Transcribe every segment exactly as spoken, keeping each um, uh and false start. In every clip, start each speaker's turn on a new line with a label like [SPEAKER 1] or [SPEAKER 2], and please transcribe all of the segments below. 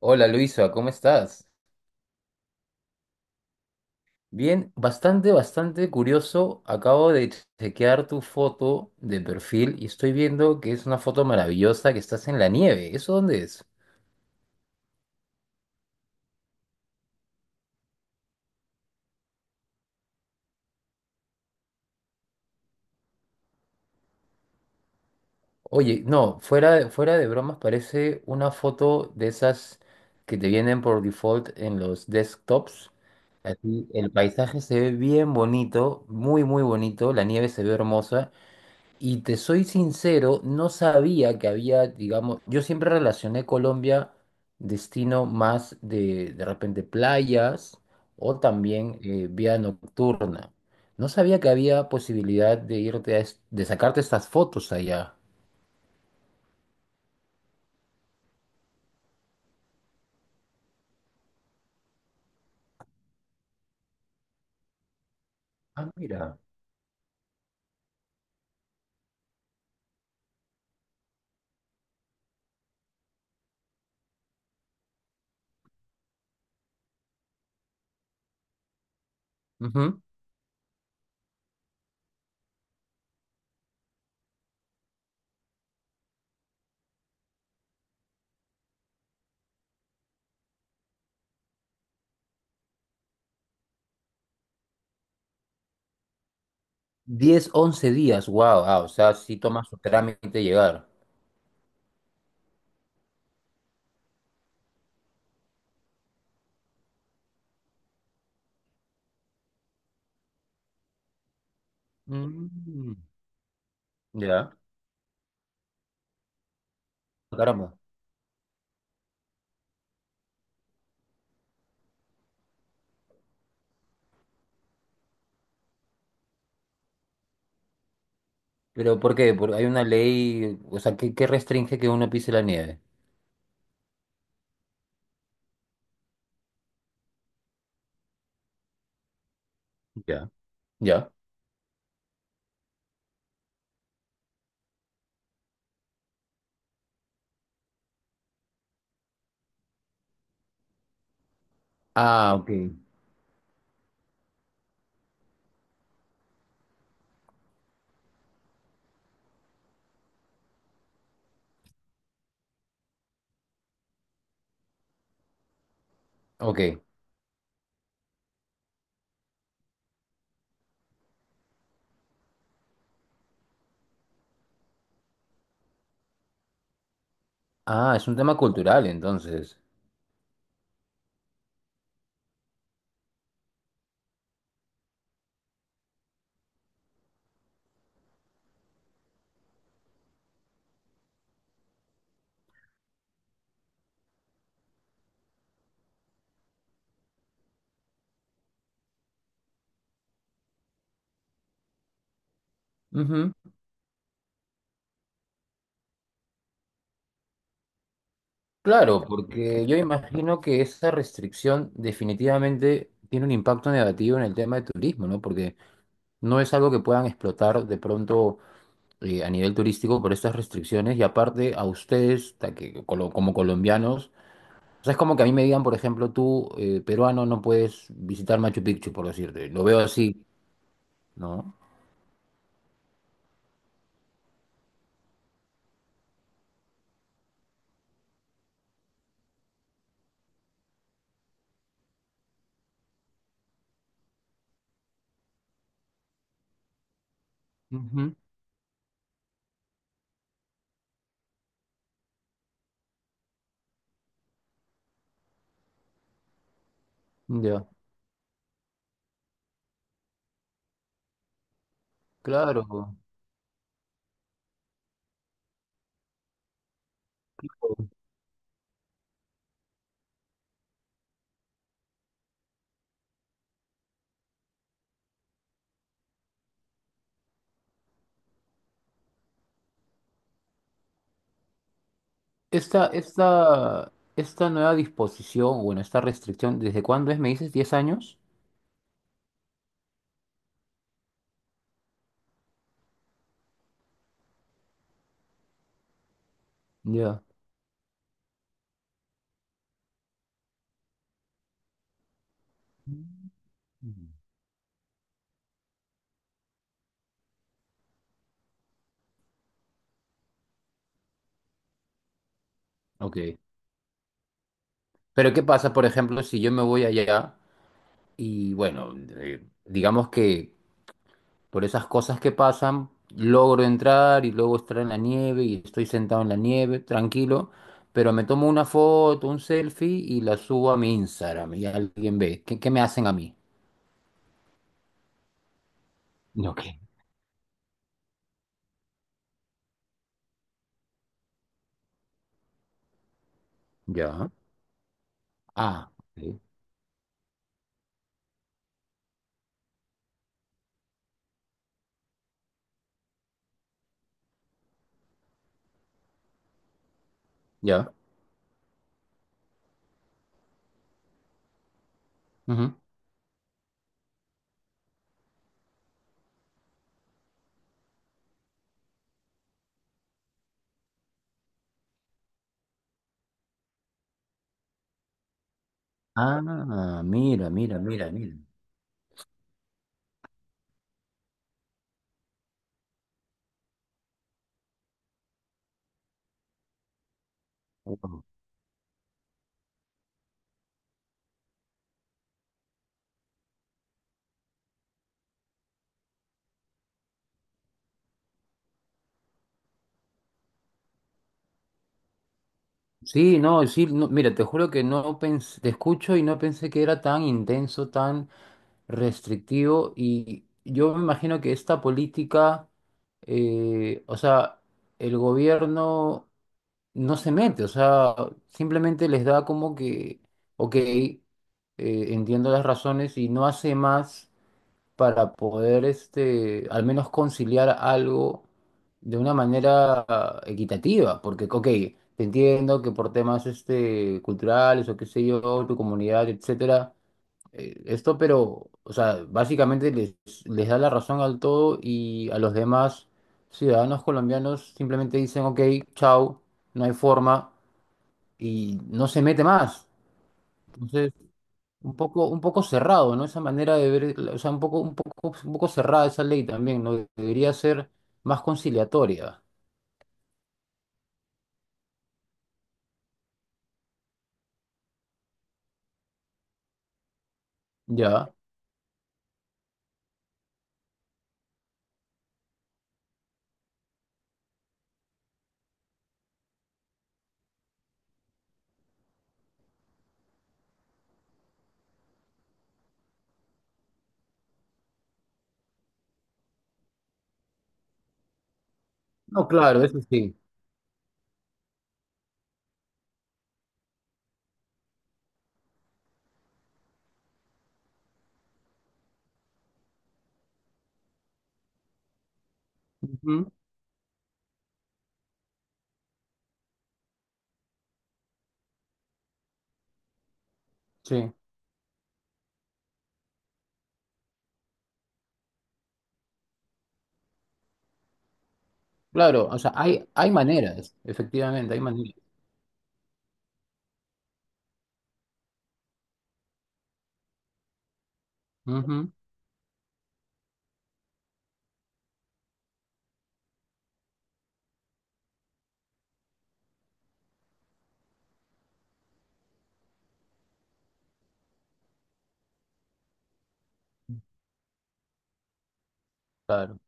[SPEAKER 1] Hola Luisa, ¿cómo estás? Bien, bastante, bastante curioso. Acabo de chequear tu foto de perfil y estoy viendo que es una foto maravillosa que estás en la nieve. ¿Eso dónde es? Oye, no, fuera, fuera de bromas parece una foto de esas que te vienen por default en los desktops. Aquí el paisaje se ve bien bonito, muy, muy bonito. La nieve se ve hermosa. Y te soy sincero, no sabía que había, digamos, yo siempre relacioné Colombia, destino más de, de, repente, playas o también eh, vida nocturna. No sabía que había posibilidad de irte a es- de sacarte estas fotos allá. Ah, mira. Ujú. Diez once días, wow, ah, o sea, sí toma su trámite llegar. Mm. Ya, caramba. ¿Pero por qué? Porque hay una ley, o sea, que, que restringe que uno pise la nieve. Ya. Ya. Ah, ok, ok. Ah, es un tema cultural entonces. Ujú. Claro, porque yo imagino que esa restricción definitivamente tiene un impacto negativo en el tema de turismo, ¿no? Porque no es algo que puedan explotar de pronto eh, a nivel turístico por estas restricciones y aparte a ustedes, ta- que colo- como colombianos, o sea, es como que a mí me digan, por ejemplo, tú, eh, peruano, no puedes visitar Machu Picchu, por decirte. Lo veo así, ¿no? Ujú. Ya, claro. Esta, esta, esta nueva disposición, bueno, esta restricción, ¿desde cuándo es? ¿Me dices diez años? Ya. Mm. Ok. Pero ¿qué pasa, por ejemplo, si yo me voy allá y, bueno, eh, digamos que por esas cosas que pasan, logro entrar y luego estar en la nieve y estoy sentado en la nieve, tranquilo, pero me tomo una foto, un selfie y la subo a mi Instagram y alguien ve. ¿Qué, qué me hacen a mí? No, ya. Ah, ok. Ya. Ah, mira, mira, mira, mira. Wow. Sí, no, sí, no, mira, te juro que no pensé, te escucho y no pensé que era tan intenso, tan restrictivo. Y yo me imagino que esta política, eh, o sea, el gobierno no se mete, o sea, simplemente les da como que, ok, eh, entiendo las razones y no hace más para poder, este, al menos conciliar algo de una manera equitativa, porque, ok, te entiendo que por temas, este, culturales o qué sé yo, tu comunidad, etcétera, eh, esto, pero, o sea, básicamente les, les, da la razón al todo y a los demás ciudadanos colombianos simplemente dicen, ok, chao, no hay forma y no se mete más. Entonces, un poco, un poco cerrado, ¿no? Esa manera de ver, la- o sea, un poco, un poco, un poco cerrada esa ley también, ¿no? Debería ser más conciliatoria, ¿ya? No, claro, eso sí. Ujú, sí, claro, o sea, hay, hay maneras, efectivamente, hay maneras. Ujú, claro.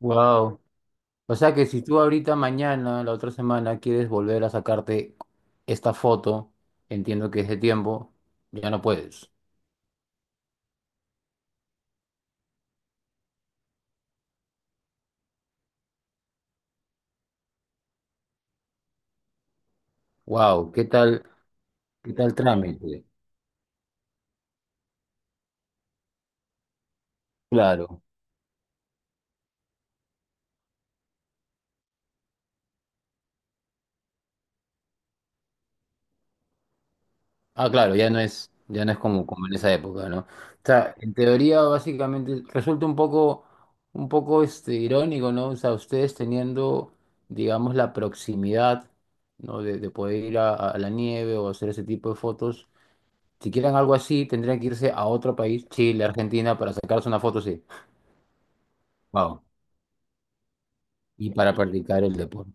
[SPEAKER 1] Wow. O sea que si tú ahorita, mañana, la otra semana, quieres volver a sacarte esta foto, entiendo que es de tiempo, ya no puedes. Wow, ¿qué tal, qué tal trámite? Claro. Ah, claro, ya no es, ya no es como, como en esa época, ¿no? O sea, en teoría, básicamente, resulta un poco, un poco este, irónico, ¿no? O sea, ustedes teniendo, digamos, la proximidad, ¿no? De, de poder ir a, a la nieve o hacer ese tipo de fotos. Si quieren algo así, tendrían que irse a otro país, Chile, Argentina, para sacarse una foto, sí. Wow. Y para practicar el deporte.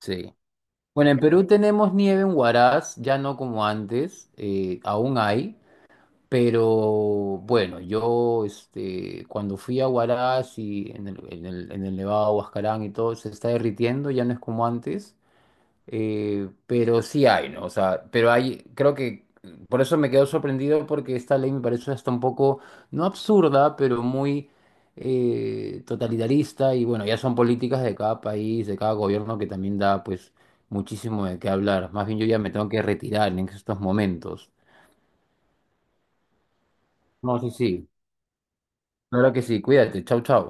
[SPEAKER 1] Sí. Bueno, en Perú tenemos nieve en Huaraz, ya no como antes, eh, aún hay. Pero bueno, yo este, cuando fui a Huaraz y en el, en el, en el Nevado de Huascarán y todo, se está derritiendo, ya no es como antes, eh, pero sí hay, ¿no? O sea, pero hay, creo que por eso me quedo sorprendido porque esta ley me parece hasta un poco, no absurda, pero muy eh, totalitarista y bueno, ya son políticas de cada país, de cada gobierno que también da pues muchísimo de qué hablar. Más bien yo ya me tengo que retirar en estos momentos. No, sí, sí. Claro que sí, cuídate, chau, chau.